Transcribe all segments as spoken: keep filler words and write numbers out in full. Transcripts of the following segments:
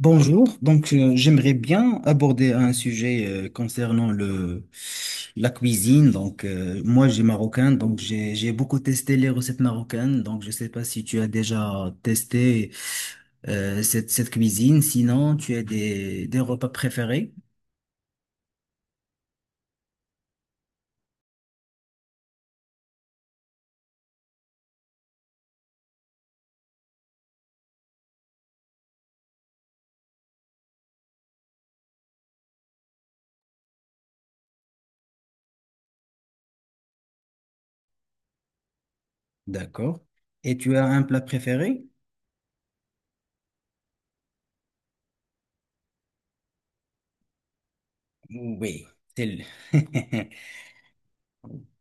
Bonjour, donc euh, j'aimerais bien aborder un sujet euh, concernant le la cuisine. Donc euh, moi j'ai marocain, donc j'ai j'ai beaucoup testé les recettes marocaines. Donc je sais pas si tu as déjà testé euh, cette cette cuisine. Sinon tu as des des repas préférés. D'accord? Et tu as un plat préféré? Oui, c'est le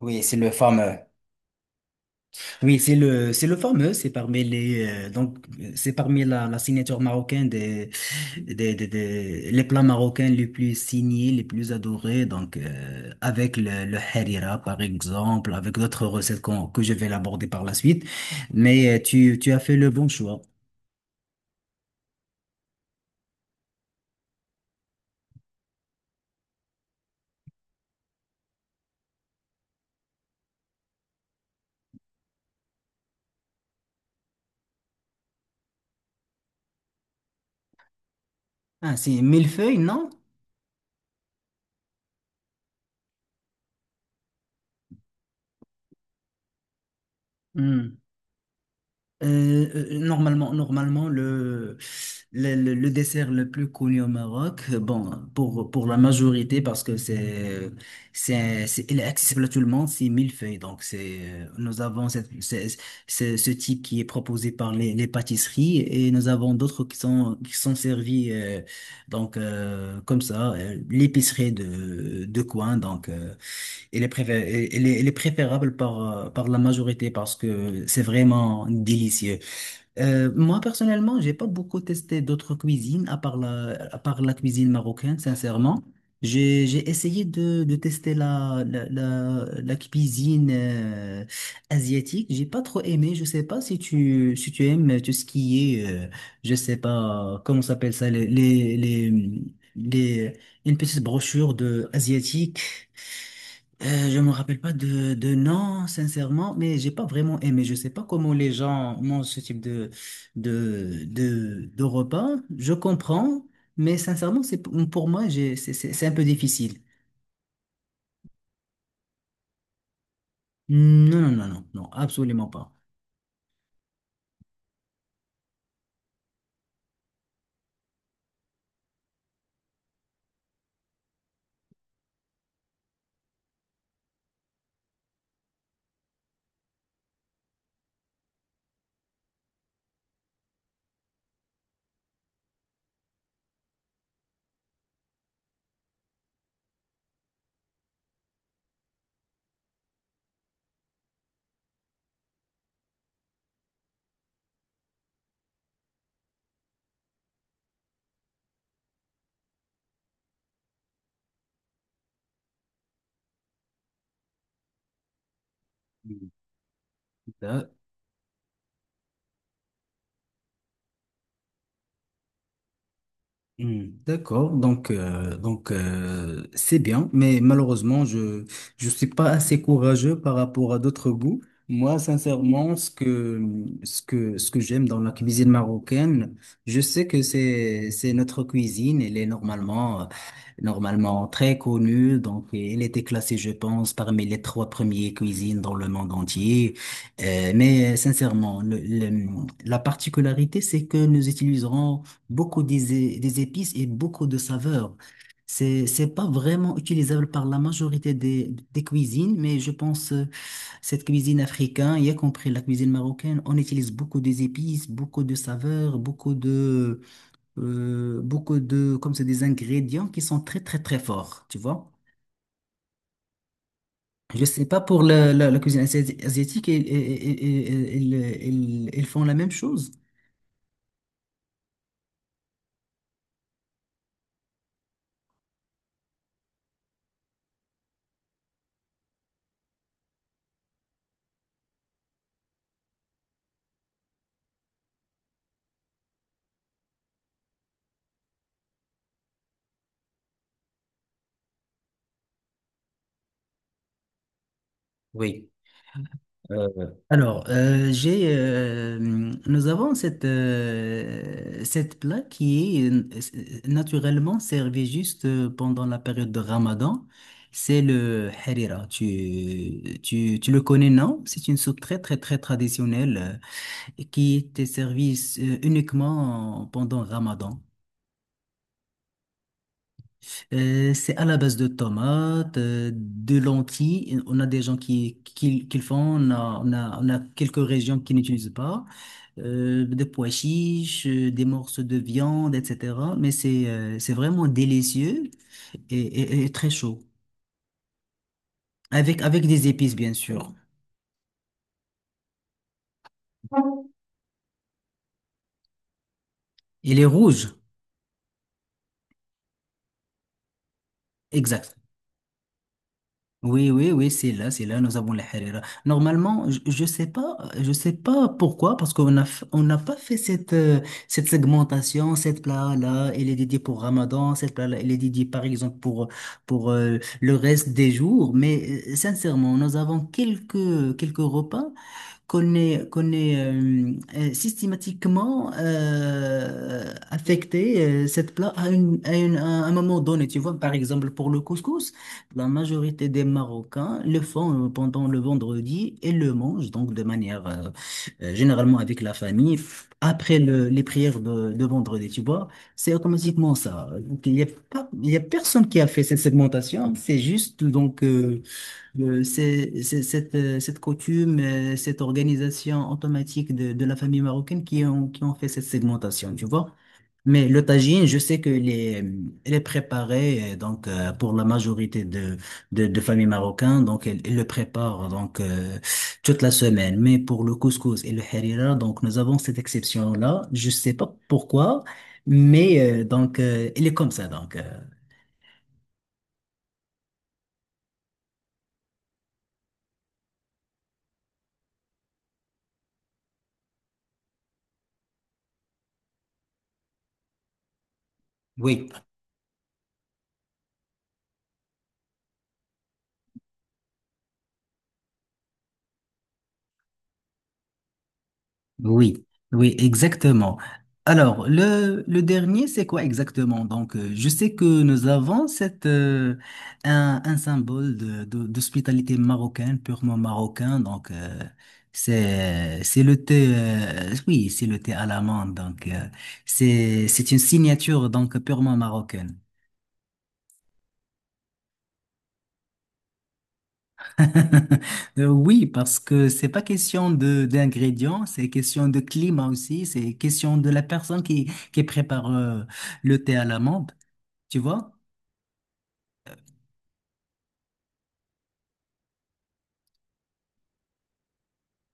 oui, c'est le fameux. Oui, c'est le, c'est le fameux, c'est parmi les, euh, donc, euh, c'est parmi la, la signature marocaine des, des, des, des- les plats marocains les plus signés, les plus adorés, donc, euh, avec le, le harira, par exemple, avec d'autres recettes qu'on- que je vais l'aborder par la suite. Mais euh, tu, tu as fait le bon choix. Ah, c'est millefeuille, non? Hmm. Euh, euh, euh, normalement, normalement le, le, le- le dessert le plus connu au Maroc, euh, bon, pour, pour la majorité, parce que c'est, c'est, c'est- il est accessible à tout le monde, c'est millefeuille. Donc, c'est, euh, nous avons cette, c'est- c'est- ce type qui est proposé par les, les pâtisseries et nous avons d'autres qui sont, qui sont servis, euh, donc, euh, comme ça, euh, l'épicerie de, de coin. Donc, euh, il est préfé- il est, il est préférable par, euh, par la majorité parce que c'est vraiment délicieux. Euh, moi, personnellement, j'ai pas beaucoup testé d'autres cuisines à part la, à part la cuisine marocaine, sincèrement. J'ai, j'ai essayé de, de tester la, la, la, la cuisine euh, asiatique. J'ai pas trop aimé. Je sais pas si tu, si tu aimes euh, tout ce qui est, euh, je sais pas, comment s'appelle ça, les, les, les, les- une petite brochure de asiatique. Euh, je me rappelle pas de, de nom, sincèrement, mais j'ai pas vraiment aimé. Je sais pas comment les gens mangent ce type de, de, de, de repas. Je comprends, mais sincèrement, c'est, pour moi, j'ai, c'est, c'est c'est un peu difficile. Non, non, non, non, non, absolument pas. Mm. Hmm. D'accord, donc euh, donc euh, c'est bien, mais malheureusement je je suis pas assez courageux par rapport à d'autres goûts. Moi, sincèrement, ce que ce que ce que j'aime dans la cuisine marocaine, je sais que c'est c'est notre cuisine. Elle est normalement euh, normalement très connue, donc elle était classée, je pense, parmi les trois premières cuisines dans le monde entier. Euh, mais euh, sincèrement, le- le- la particularité, c'est que nous utiliserons beaucoup des, des épices et beaucoup de saveurs. C'est, c'est pas vraiment utilisable par la majorité des, des cuisines, mais je pense euh, cette cuisine africaine, y compris la cuisine marocaine, on utilise beaucoup des épices, beaucoup de saveurs, beaucoup de, euh, beaucoup de, comme c'est des ingrédients qui sont très très très forts, tu vois? Je sais pas pour la, la, la cuisine asiati- asiatique, ils, ils, ils, ils ils font la même chose. Oui. Euh, Alors, euh, j'ai, euh, nous avons cette, euh, cette plat qui est euh, naturellement servi juste euh, pendant la période de Ramadan. C'est le harira. Tu, tu, tu le connais, non? C'est une soupe très, très, très traditionnelle euh, et qui était servie euh, uniquement pendant Ramadan. Euh, c'est à la base de tomates, euh, de lentilles. On a des gens qui, qui, qui le font. On a, on a, on a quelques régions qui n'utilisent pas, euh, des pois chiches, euh, des morceaux de viande, et cetera. Mais c'est euh, c'est vraiment délicieux et, et- et très chaud. Avec, avec des épices, bien sûr. Et les rouges, exact. Oui, oui, oui, c'est là, c'est là, nous avons les harira. Normalement, je, je sais pas, je sais pas pourquoi, parce qu'on a, f- on n'a pas fait cette, euh, cette segmentation, cette plat-là, elle est dédiée pour Ramadan, cette plat-là, elle est dédiée, par exemple, pour, pour euh, le reste des jours. Mais euh, sincèrement, nous avons quelques, quelques repas qu'on est, qu'on est euh, euh, systématiquement euh, affecté euh, cette plat à, une- à une- à un moment donné. Tu vois, par exemple, pour le couscous, la majorité des Marocains le font euh, pendant le vendredi et le mangent, donc de manière euh, euh, généralement avec la famille, après le- les prières de, de vendredi. Tu vois, c'est automatiquement ça. Donc, il n'y a pas, il y a personne qui a fait cette segmentation. C'est juste donc. euh, euh, c'est c'est cette, euh, cette coutume, euh, cette organisation automatique de, de la famille marocaine qui ont, qui ont fait cette segmentation, tu vois. Mais le tagine, je sais qu'elle est, elle est préparée euh, donc, euh, pour la majorité de, de, de familles marocaines, donc elle, elle le prépare donc, euh, toute la semaine. Mais pour le couscous et le harira, donc nous avons cette exception-là. Je sais pas pourquoi, mais euh, donc, euh, elle est comme ça. Donc, euh, oui. Oui, oui, exactement. Alors, le, le dernier, c'est quoi exactement? Donc, euh, je sais que nous avons cette, euh, un, un symbole de, de- d'hospitalité marocaine, purement marocain. Donc, euh, c'est, c'est le thé, euh, oui, c'est le thé à l'amande. Donc, euh, c'est, c'est une signature donc purement marocaine. Euh, Oui, parce que c'est pas question de d'ingrédients, c'est question de climat aussi, c'est question de la personne qui, qui prépare euh, le thé à l'amande, tu vois?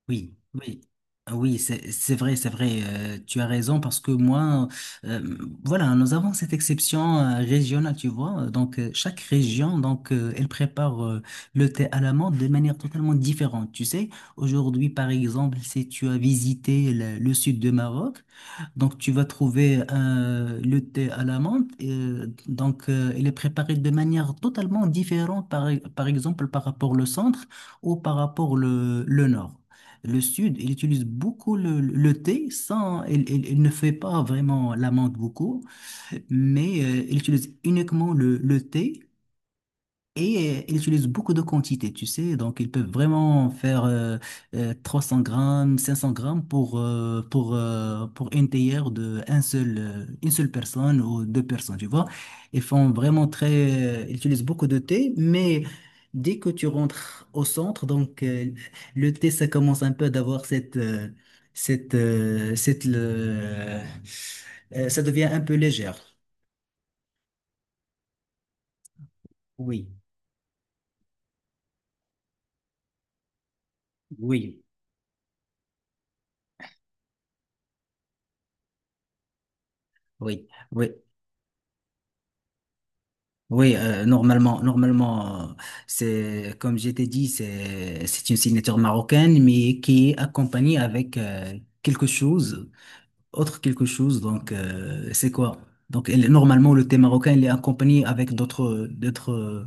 Oui, oui. Ah, oui, c'est c'est vrai, c'est vrai, euh, tu as raison parce que moi, euh, voilà, nous avons cette exception euh, régionale, tu vois. Donc, euh, chaque région, donc, euh, elle prépare euh, le thé à la menthe de manière totalement différente. Tu sais, aujourd'hui, par exemple, si tu as visité le, le sud du Maroc, donc tu vas trouver euh, le thé à la menthe. euh, donc, euh, il est préparé de manière totalement différente, par, par exemple, par rapport au centre ou par rapport le, le nord. Le Sud, il utilise beaucoup le, le thé, sans, il, il- il ne fait pas vraiment l'amande beaucoup, mais euh, il utilise uniquement le, le thé. Et euh, ils utilisent beaucoup de quantités, tu sais, donc ils peuvent vraiment faire euh, euh, trois cents grammes, cinq cents grammes pour, euh, pour, euh, pour une théière de un seul, euh, une seule personne ou deux personnes, tu vois. Ils font vraiment très, euh, ils utilisent beaucoup de thé, mais dès que tu rentres au centre, donc euh, le thé, ça commence un peu d'avoir cette, euh, cette, euh, cette, le- euh, ça devient un peu légère. Oui, oui, oui. Oui, oui, euh, normalement, normalement, euh, c'est comme je t'ai dit, c'est c'est une signature marocaine, mais qui est accompagnée avec euh, quelque chose, autre quelque chose. Donc, euh, c'est quoi? Donc, elle- normalement, le thé marocain, il est accompagné avec d'autres, d'autres,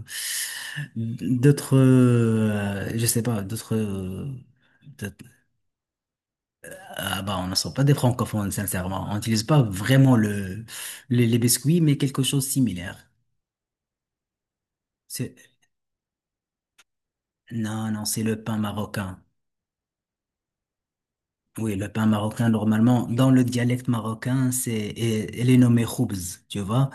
d'autres, euh, je sais pas, d'autres. euh, d'autres- Ah bah, on ne sort pas des francophones, sincèrement. On n'utilise pas vraiment le, le- les biscuits, mais quelque chose de similaire. Non, non, c'est le pain marocain. Oui, le pain marocain, normalement, dans le dialecte marocain, c'est, et- elle est nommée khoubz, tu vois.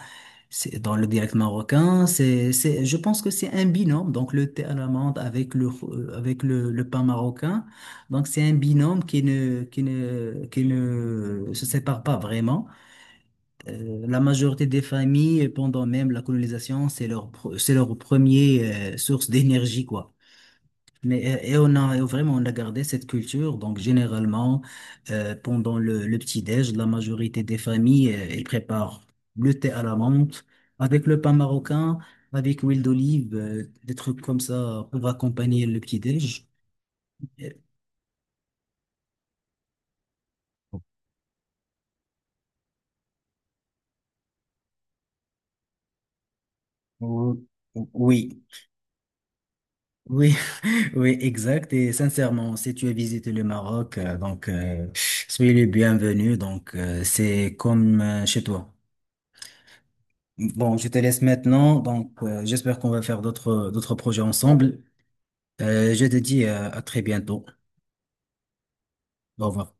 C'est, dans le dialecte marocain, c'est, c'est, je pense que c'est un binôme, donc le thé à l'amande avec le, khou- euh, avec le, le pain marocain. Donc, c'est un binôme qui ne, qui ne, qui ne se sépare pas vraiment. Euh, la majorité des familles, pendant même la colonisation, c'est leur, pr- c'est leur premier, euh, source d'énergie, quoi. Mais, euh, et on a et vraiment on a gardé cette culture. Donc généralement euh, pendant le, le petit-déj, la majorité des familles euh, elles préparent le thé à la menthe avec le pain marocain, avec l'huile d'olive, euh, des trucs comme ça pour accompagner le petit-déj. Euh, ou- Oui, oui, oui, exact. Et sincèrement, si tu as visité le Maroc, euh, donc euh, soyez le bienvenu. Donc euh, c'est comme euh, chez toi. Bon, je te laisse maintenant. Donc, euh, j'espère qu'on va faire d'autres d'autres projets ensemble. Euh, je te dis euh, à très bientôt. Au revoir.